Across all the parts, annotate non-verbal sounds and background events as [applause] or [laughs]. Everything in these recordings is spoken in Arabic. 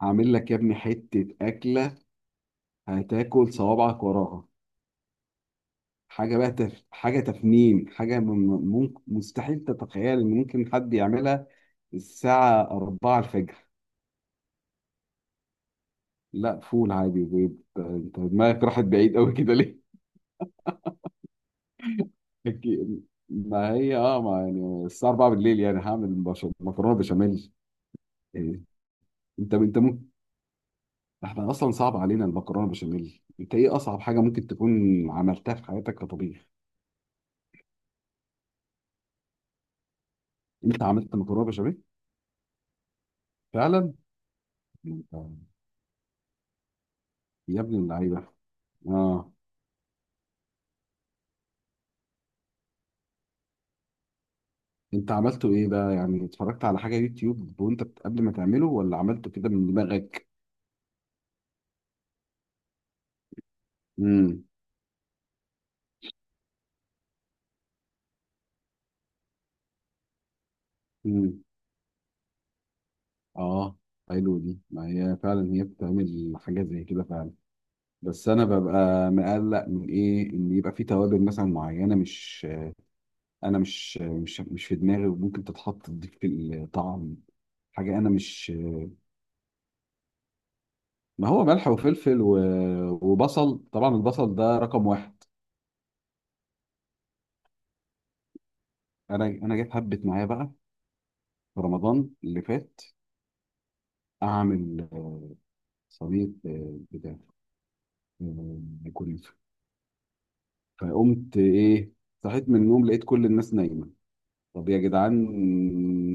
عامل لك يا ابني حتة أكلة. هتاكل صوابعك وراها. حاجة بقى حاجة تفنين، حاجة ممكن مستحيل تتخيل إن ممكن حد يعملها الساعة 4 الفجر. لا، فول عادي بيض، أنت دماغك راحت بعيد أوي كده ليه؟ [laughs] أكيد. ما هي ما يعني الساعة 4 بالليل يعني هعمل مكرونة بشاميل. إيه. أنت ممكن. احنا أصلا صعب علينا المكرونة بشاميل، أنت إيه أصعب حاجة ممكن تكون عملتها في حياتك كطبيخ؟ أنت عملت مكرونة بشاميل؟ فعلا. انت- يا ابن اللعيبه، اه. انت عملته ايه بقى؟ يعني اتفرجت على حاجه يوتيوب وانت قبل ما تعمله، ولا عملته كده من دماغك؟ امم. امم. اه، حلو، دي ما هي فعلا هي بتعمل حاجه زي كده فعلا. بس انا ببقى مقلق من ايه، ان يبقى في توابل مثلا معينه مش، انا مش في دماغي وممكن تتحط تضيف الطعم، حاجه انا مش. ما هو ملح وفلفل وبصل، طبعا البصل ده رقم واحد. انا جيت هبت معايا بقى في رمضان اللي فات اعمل صينيه، بتاع، آه، كنافه. فقمت ايه، صحيت من النوم لقيت كل الناس نايمه. طب يا جدعان،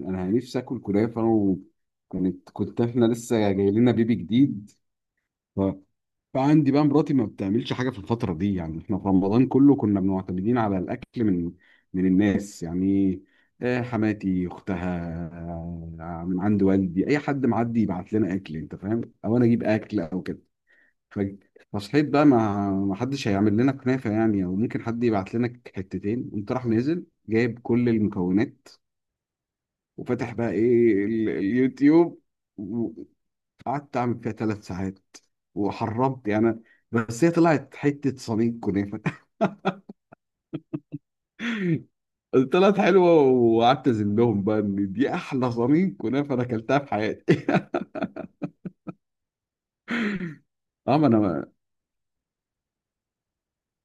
انا نفسي اكل كنافه. وكانت، كنت، احنا لسه جاي لنا بيبي جديد. فعندي بقى مراتي ما بتعملش حاجه في الفتره دي، يعني احنا في رمضان كله كنا معتمدين على الاكل من من الناس يعني. حماتي اختها، من عند والدي، اي حد معدي يبعت لنا اكل انت فاهم، او انا اجيب اكل او كده. ف- فصحيت بقى، ما حدش هيعمل لنا كنافه يعني، او ممكن حد يبعت لنا حتتين. قمت راح نازل جايب كل المكونات، وفتح بقى ايه، اليوتيوب. قعدت اعمل فيها ثلاث ساعات وحرمت يعني. بس هي طلعت حته صميم كنافه. [laughs] طلعت حلوه، وقعدت ازلهم بقى ان دي احلى صميم كنافه انا اكلتها في حياتي. [laughs] اه، ما انا.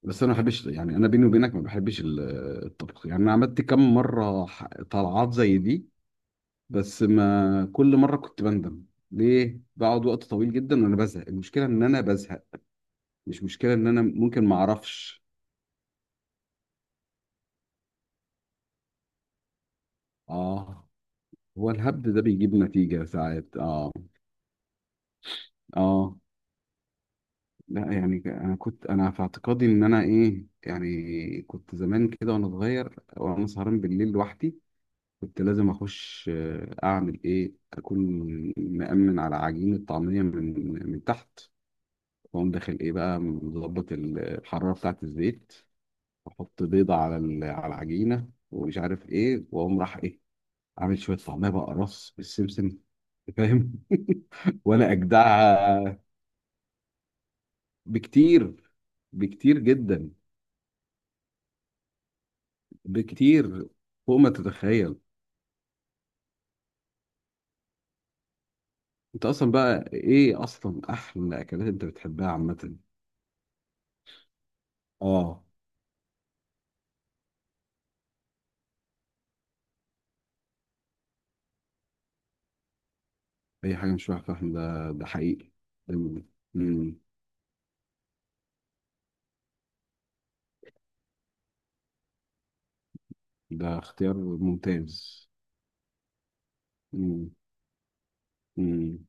بس انا ما بحبش يعني، انا بيني وبينك ما بحبش الطبخ يعني. انا عملت كم مره طلعات زي دي، بس ما كل مره كنت بندم ليه، بقعد وقت طويل جدا وانا بزهق. المشكله ان انا بزهق، مش مشكله ان انا ممكن ما اعرفش. اه، هو الهبد ده بيجيب نتيجة ساعات، اه. اه، لا يعني انا كنت، انا في اعتقادي ان انا ايه يعني، كنت زمان كده وانا صغير وانا سهران بالليل لوحدي، كنت لازم اخش، اعمل ايه، اكون مأمن على عجين الطعمية من من تحت، واقوم داخل ايه بقى، مظبط الحرارة بتاعة الزيت، واحط بيضة على على العجينة ومش عارف ايه، واقوم راح ايه، عامل شوية طعمية بقى رص بالسمسم، فاهم. [laughs] وانا اجدعها. بكتير، بكتير جدا، بكتير فوق ما تتخيل. انت اصلا بقى ايه، اصلا احلى اكلات انت بتحبها عامه؟ اه، اي حاجه مش واحده فاهم، ده ده حقيقي. ده، مم. ده اختيار ممتاز. مم. مم.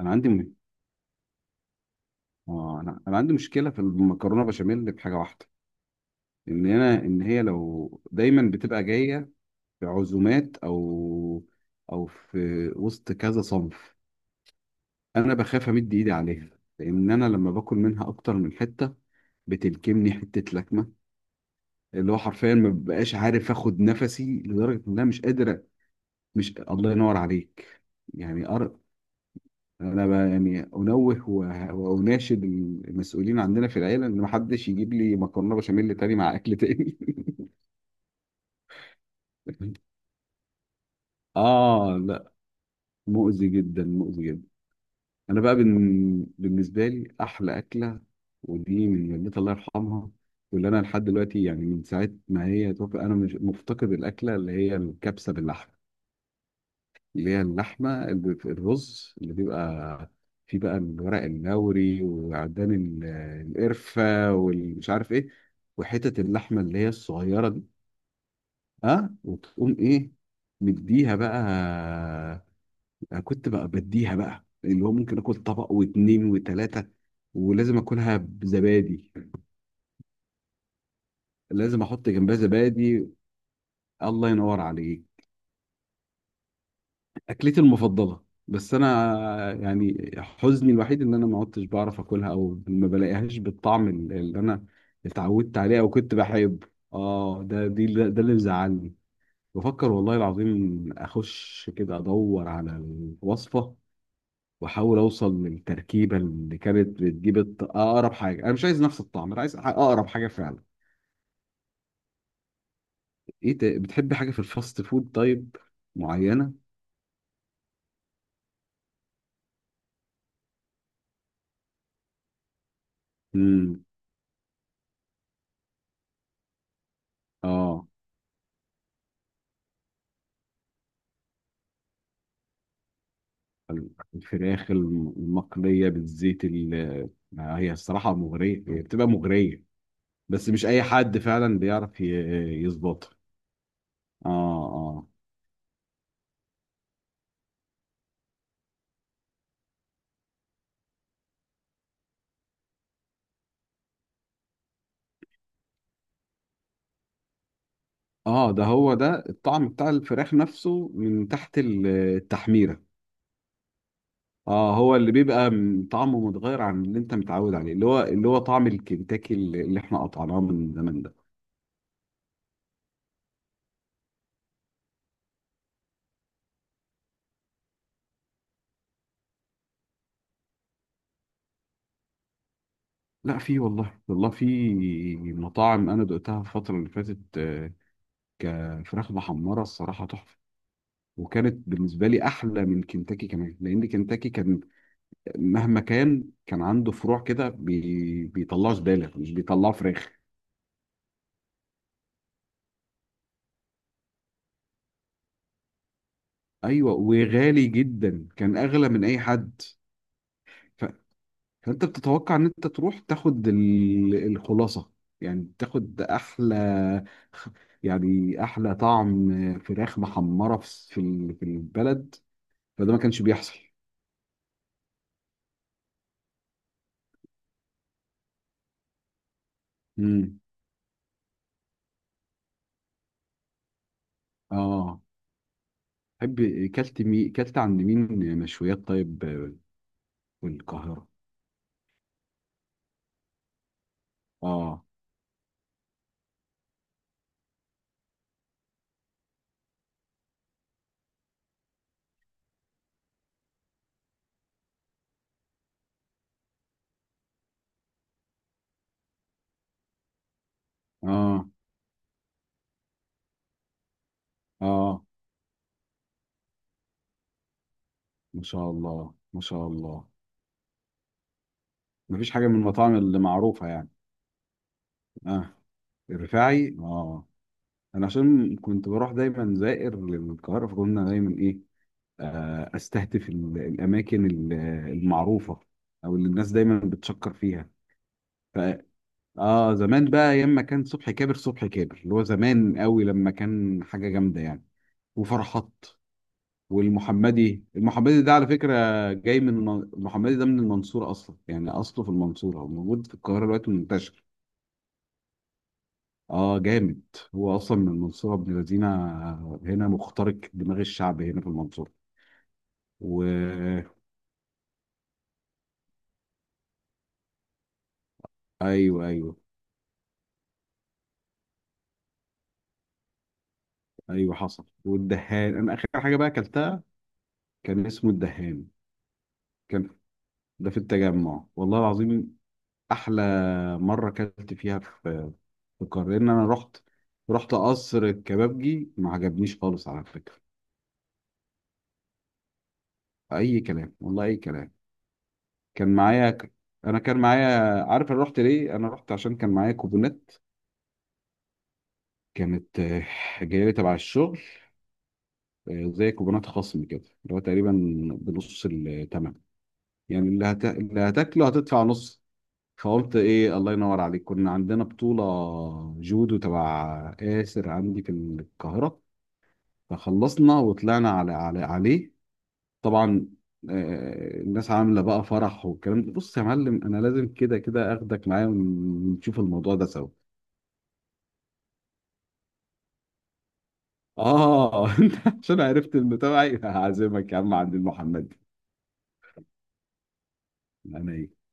انا عندي م... اه، انا عندي مشكله في المكرونه بشاميل بحاجه واحده، ان انا، ان هي لو دايما بتبقى جايه في عزومات او او في وسط كذا صنف، انا بخاف امد ايدي عليها، لان انا لما باكل منها اكتر من حته بتلكمني حته لكمه. اللي هو حرفيا ما ببقاش عارف اخد نفسي لدرجه ان انا مش قادر. مش، الله ينور عليك. يعني أر... يعني انوه و- واناشد المسؤولين عندنا في العيله ان ما حدش يجيب لي مكرونه بشاميل تاني مع اكل تاني. [laughs] اه، لا، مؤذي جدا، مؤذي جدا. بالنسبه لي احلى اكله، ودي من والدتي الله يرحمها، واللي انا لحد دلوقتي يعني من ساعه ما هي توفى انا مش مفتقد الاكله، اللي هي الكبسه باللحمه، اللي هي اللحمه اللي في الرز اللي بيبقى فيه بقى الورق اللوري وعدان القرفه والمش عارف ايه، وحتت اللحمه اللي هي الصغيره دي. ها وتقوم ايه، مديها بقى. أنا كنت بقى بديها بقى، اللي هو ممكن اكل طبق واتنين وتلاته، ولازم اكلها بزبادي، لازم احط جنبها زبادي. الله ينور عليك. اكلتي المفضله، بس انا يعني حزني الوحيد ان انا ما عدتش بعرف اكلها، او ما بلاقيهاش بالطعم اللي انا اتعودت عليه، او كنت بحبه. اه، ده دي ده اللي مزعلني. بفكر والله العظيم اخش كده ادور على الوصفه، واحاول اوصل للتركيبه اللي كانت بتجيب اقرب حاجه. انا مش عايز نفس الطعم، انا عايز اقرب حاجه فعلا. ايه ده، بتحبي حاجة في الفاست فود طيب معينة؟ امم. اه، ال- الفراخ المقلية بالزيت، ما هي الصراحة مغرية، هي بتبقى مغرية. بس مش أي حد فعلا بيعرف يظبطها. اه، اه. اه، ده هو ده الطعم بتاع الفراخ نفسه من تحت التحميرة. اه، هو اللي بيبقى طعمه متغير عن اللي انت متعود عليه، اللي هو اللي هو طعم الكنتاكي اللي احنا قطعناه من زمان ده. لا، في والله، والله في مطاعم انا دقتها الفتره اللي فاتت، كفراخ محمره الصراحه تحفه، وكانت بالنسبه لي احلى من كنتاكي كمان، لان كنتاكي كان مهما كان، كان عنده فروع كده بيطلعوا زباله مش بيطلعوا فراخ. ايوه، وغالي جدا، كان اغلى من اي حد. ف... فانت بتتوقع ان انت تروح تاخد الخلاصه، يعني تاخد احلى، يعني احلى طعم فراخ محمره في في في البلد، فده ما كانش بيحصل. امم. اه. تحب، كلت عند مين مشويات طيب، في القاهرة؟ اه. اه. اه، ما شاء الله، ما شاء الله. ما فيش حاجة من المطاعم اللي معروفة يعني. اه، الرفاعي اه. انا عشان كنت بروح دايما زائر للقاهرة فكنا دايما ايه، آه استهدف الاماكن المعروفة، او اللي الناس دايما بتشكر فيها. اه، زمان بقى ايام ما كان صبحي كابر، صبحي كابر اللي هو زمان قوي لما كان حاجه جامده يعني. وفرحات والمحمدي، المحمدي ده على فكره جاي من المحمدي ده من المنصوره اصلا، يعني اصله في المنصوره، هو موجود في القاهره دلوقتي منتشر. اه، جامد. هو اصلا من المنصوره ابن لذينه، هنا مخترق دماغ الشعب هنا في المنصوره. و، ايوه. ايوه حصل. والدهان، انا اخر حاجه بقى اكلتها كان اسمه الدهان. كان، ده في التجمع والله العظيم احلى مره اكلت فيها في في القاهره، ان انا رحت، رحت قصر الكبابجي ما عجبنيش خالص على فكره. اي كلام والله، اي كلام. كان معايا ك... انا كان معايا، عارف انا رحت ليه، انا رحت عشان كان معايا كوبونات، كانت جايه لي تبع الشغل، زي كوبونات خصم كده، اللي هو تقريبا بنص الثمن، يعني اللي هتاكله هتدفع نص. فقلت ايه، الله ينور عليك، كنا عندنا بطوله جودو تبع آسر عندي في القاهره، فخلصنا وطلعنا على على عليه. طبعا، الناس عامله بقى فرح والكلام ده، بص يا معلم انا لازم كده كده اخدك معايا ونشوف الموضوع ده سوا. اه. [laughs] انت، عشان عرفت انه تبعي هعزمك يا عم عند المحمد. انا ايه